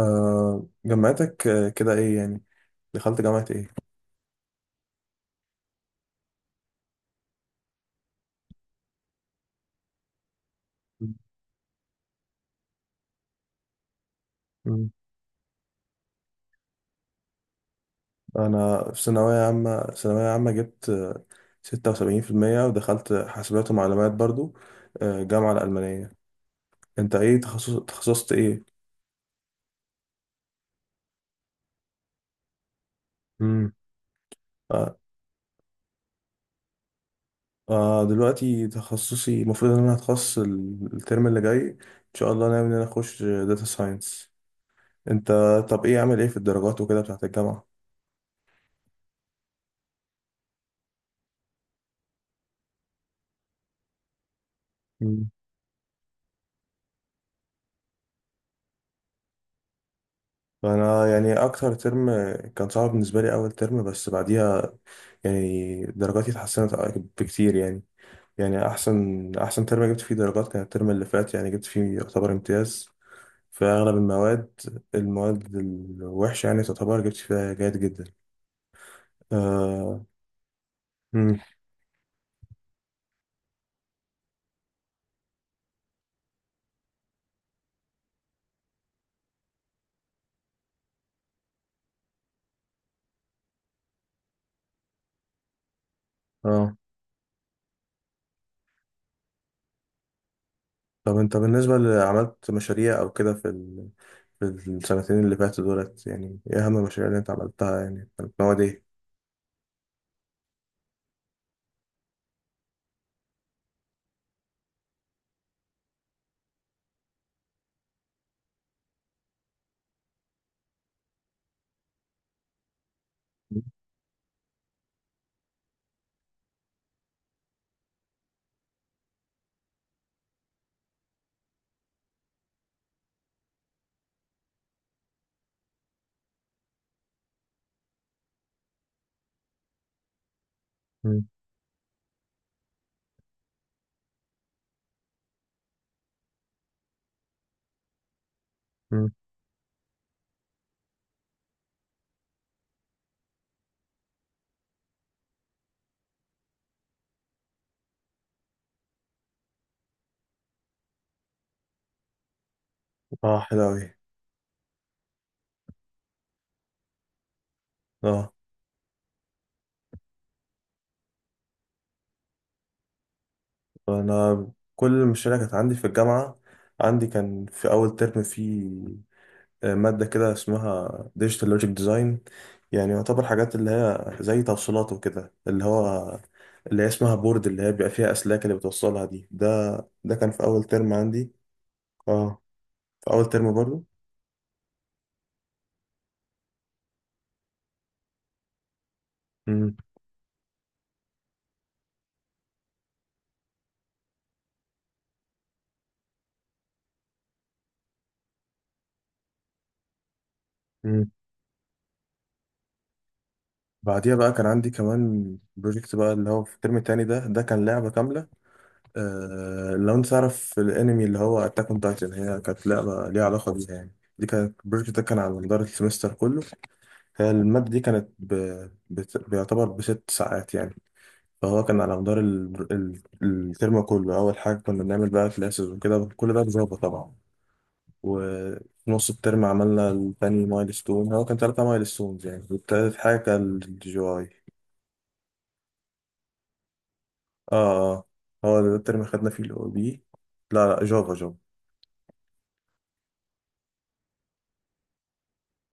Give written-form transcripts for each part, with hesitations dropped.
جامعتك، كده ايه يعني. دخلت جامعة ايه؟ مم. انا في ثانوية عامة، جبت 76%، ودخلت حاسبات ومعلومات برضو. جامعة الألمانية. انت ايه تخصصت ايه؟ امم. آه. دلوقتي تخصصي المفروض ان انا هتخصص الترم اللي جاي، ان شاء الله ناوي ان انا اخش داتا ساينس. انت؟ طب ايه عامل ايه في الدرجات وكده بتاعت الجامعة؟ انا يعني اكتر ترم كان صعب بالنسبه لي اول ترم، بس بعديها يعني درجاتي اتحسنت بكتير يعني. يعني احسن ترم جبت فيه درجات كان الترم اللي فات، يعني جبت فيه يعتبر امتياز في اغلب المواد. المواد الوحشه يعني تعتبر جبت فيها جيد جدا. آه. مم. اه، طب انت بالنسبه اللي عملت مشاريع او كده في السنتين اللي فاتوا دولت، يعني ايه اهم المشاريع اللي انت عملتها؟ يعني كانت مواد ايه؟ مم. مم. اه حلو اوي. اه انا كل المشاريع كانت عندي في الجامعه. عندي كان في اول ترم في ماده كده اسمها ديجيتال لوجيك ديزاين، يعني يعتبر حاجات اللي هي زي توصيلات وكده، اللي هو اللي هي اسمها بورد اللي هي بيبقى فيها اسلاك اللي بتوصلها دي ده. ده كان في اول ترم عندي، اه، في اول ترم برضو. مم. مم. بعديها بقى كان عندي كمان بروجكت بقى اللي هو في الترم التاني ده. ده كان لعبه كامله. آه، لو انت تعرف الانمي اللي هو اتاك اون تايتن، هي كانت لعبه ليها علاقه بيها يعني. دي كانت البروجكت. ده كان على مدار السمستر كله. هي الماده دي كانت بيعتبر بست ساعات يعني. فهو كان على مدار الترم كله. اول حاجه كنا بنعمل بقى كلاسز وكده، كل ده بجافا طبعا. وفي نص الترم عملنا التاني مايلستون، هو كان 3 مايلستونز يعني، والتالت حاجه كان الجي اي. اه اه، هو ده الترم خدنا فيه الاو بي. لا لا، جافا جافا.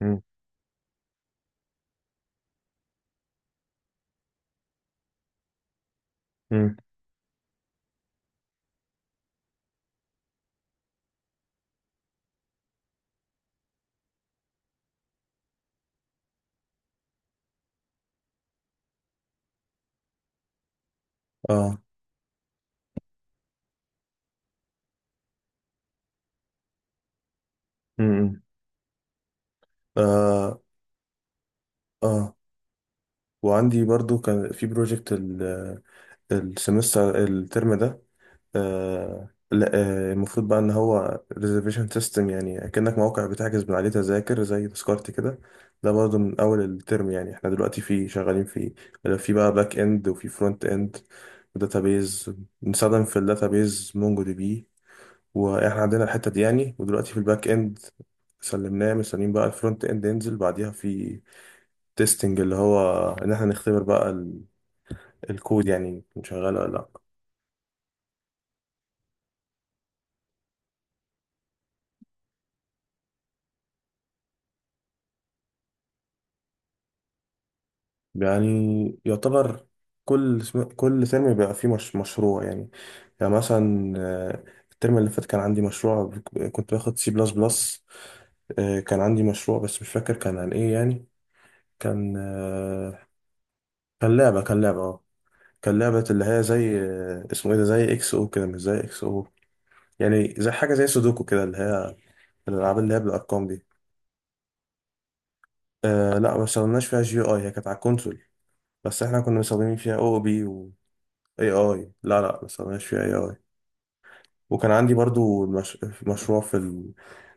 مم. مم. اه. امم. آه. آه، وعندي برضو كان في بروجكت السمستر الترم ده. آه لا. آه المفروض بقى ان هو ريزرفيشن سيستم، يعني كأنك موقع بتحجز من عليه تذاكر زي تذكرتي كده. ده برضو من اول الترم يعني. احنا دلوقتي فيه شغالين فيه. في بقى باك اند وفي فرونت اند وداتابيز. بنستخدم في الداتابيز مونجو دي بي. واحنا عندنا الحتة دي يعني، ودلوقتي في الباك اند سلمناه، مستنيين بقى الفرونت اند ينزل بعديها. في تيستنج اللي هو ان احنا نختبر بقى الكود، يعني كان شغال ولا لا. يعني يعتبر كل ترم بيبقى فيه مش مشروع يعني. يعني مثلا الترم اللي فات كان عندي مشروع، كنت باخد سي بلس بلس. كان عندي مشروع بس مش فاكر كان عن ايه يعني. كان كان لعبة اه كان لعبة اللي هي زي اسمه ايه ده، زي اكس او كده. مش زي اكس او، يعني زي حاجة زي سودوكو كده، اللي هي الألعاب اللي هي بالأرقام دي. آه لا، ما استخدمناش فيها جي اي. هي كانت على الكونسول، بس احنا كنا مستخدمين فيها او بي و... اي اي، لا لا ما استخدمناش فيها اي اي. وكان عندي برضو مش... مشروع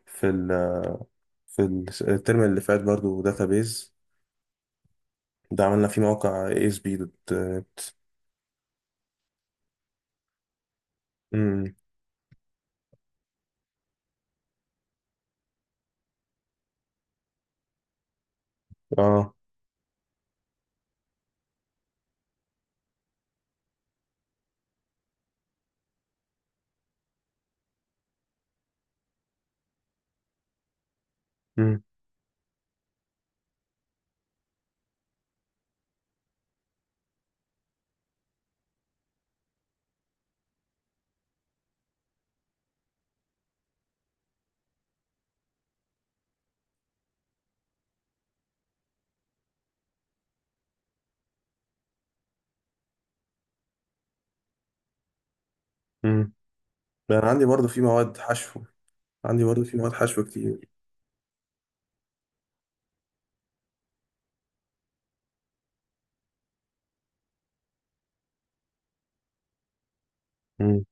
في ال... الترم اللي فات برضو، داتابيز. ده عملنا فيه موقع اي اس بي دوت. امم. اه. امم. امم. ده انا عندي برضو في مواد حشو كتير. امم.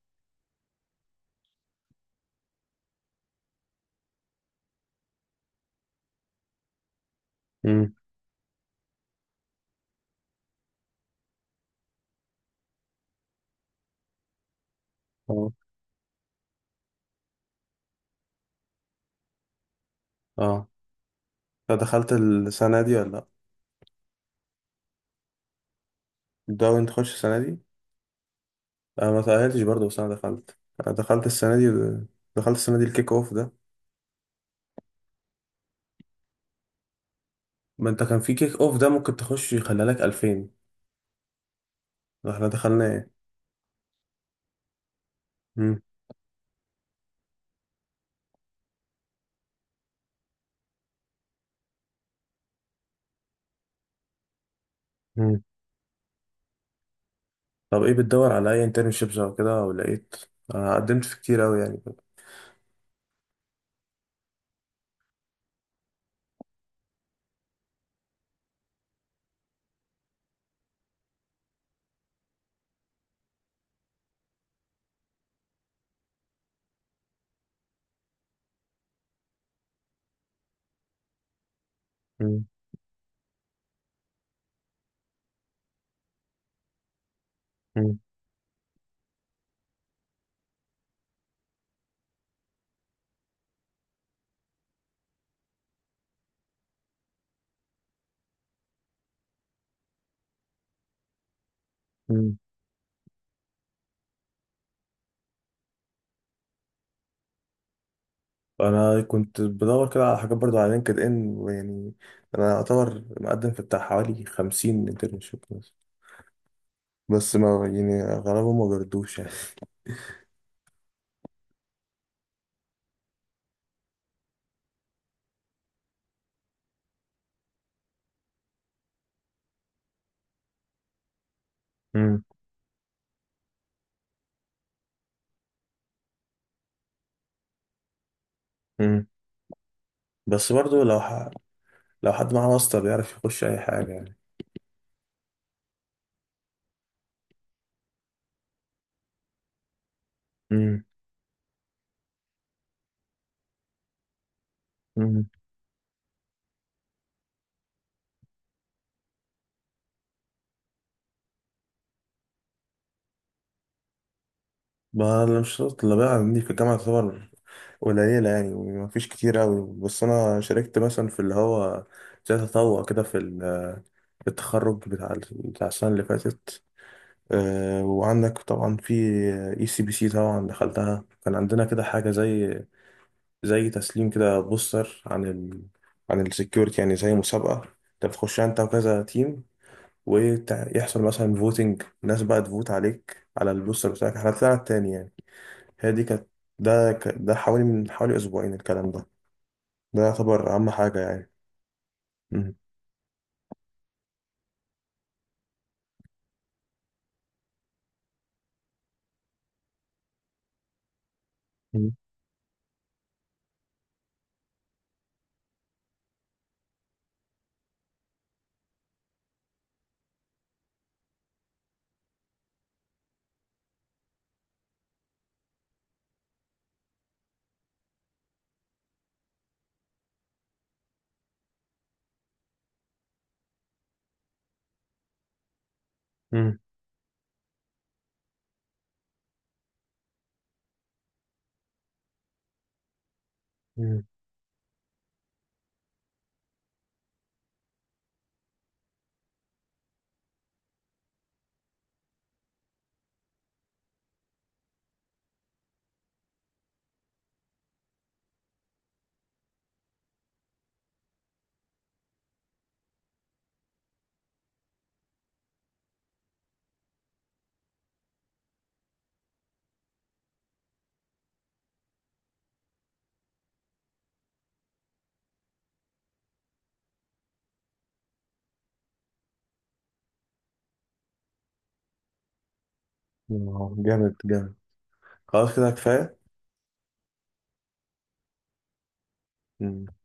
امم. اه اه. أنت دخلت السنة دي ولا لا؟ بتدور تخش السنة دي؟ انا ما تأهلتش برضه، بس انا دخلت السنه دي. الكيك اوف ده. ما انت كان في كيك اوف ده ممكن تخش يخلي لك 2000. احنا دخلنا ايه؟ مم. مم. طب ايه بتدور على اي انترنشيبس او كده ولقيت؟ انا قدمت في كتير قوي يعني. مم. مم. مم. انا كنت بدور كده على حاجات برضه على لينكد ان، ويعني انا اعتبر مقدم في بتاع حوالي 50 انترنشيب بس، بس ما يعني غالبا ما بيردوش يعني. مم. مم. بس برضه لو حد معاه واسطة بيعرف يخش أي حاجة يعني. امم. امم. ما أنا مش شرط اللي بقى عندي في الجامعة، تعتبر قليلة يعني ومفيش كتير أوي، بس أنا شاركت مثلا في اللي هو زي تطوع كده في التخرج بتاع بتاع السنة اللي فاتت. وعندك طبعا في اي سي بي سي طبعا دخلتها. كان عندنا كده حاجة زي تسليم كده بوستر عن ال عن السكيورتي، يعني زي مسابقة انت بتخش انت وكذا تيم، ويحصل مثلا فوتنج الناس بقى تفوت عليك على البوستر بتاعك. احنا طلعنا التاني يعني. هي دي كانت. ده حوالي من حوالي اسبوعين الكلام ده. ده يعتبر اهم حاجة يعني. مم. مم. مم. مم. جامد جامد. خلاص كده كفاية. مم.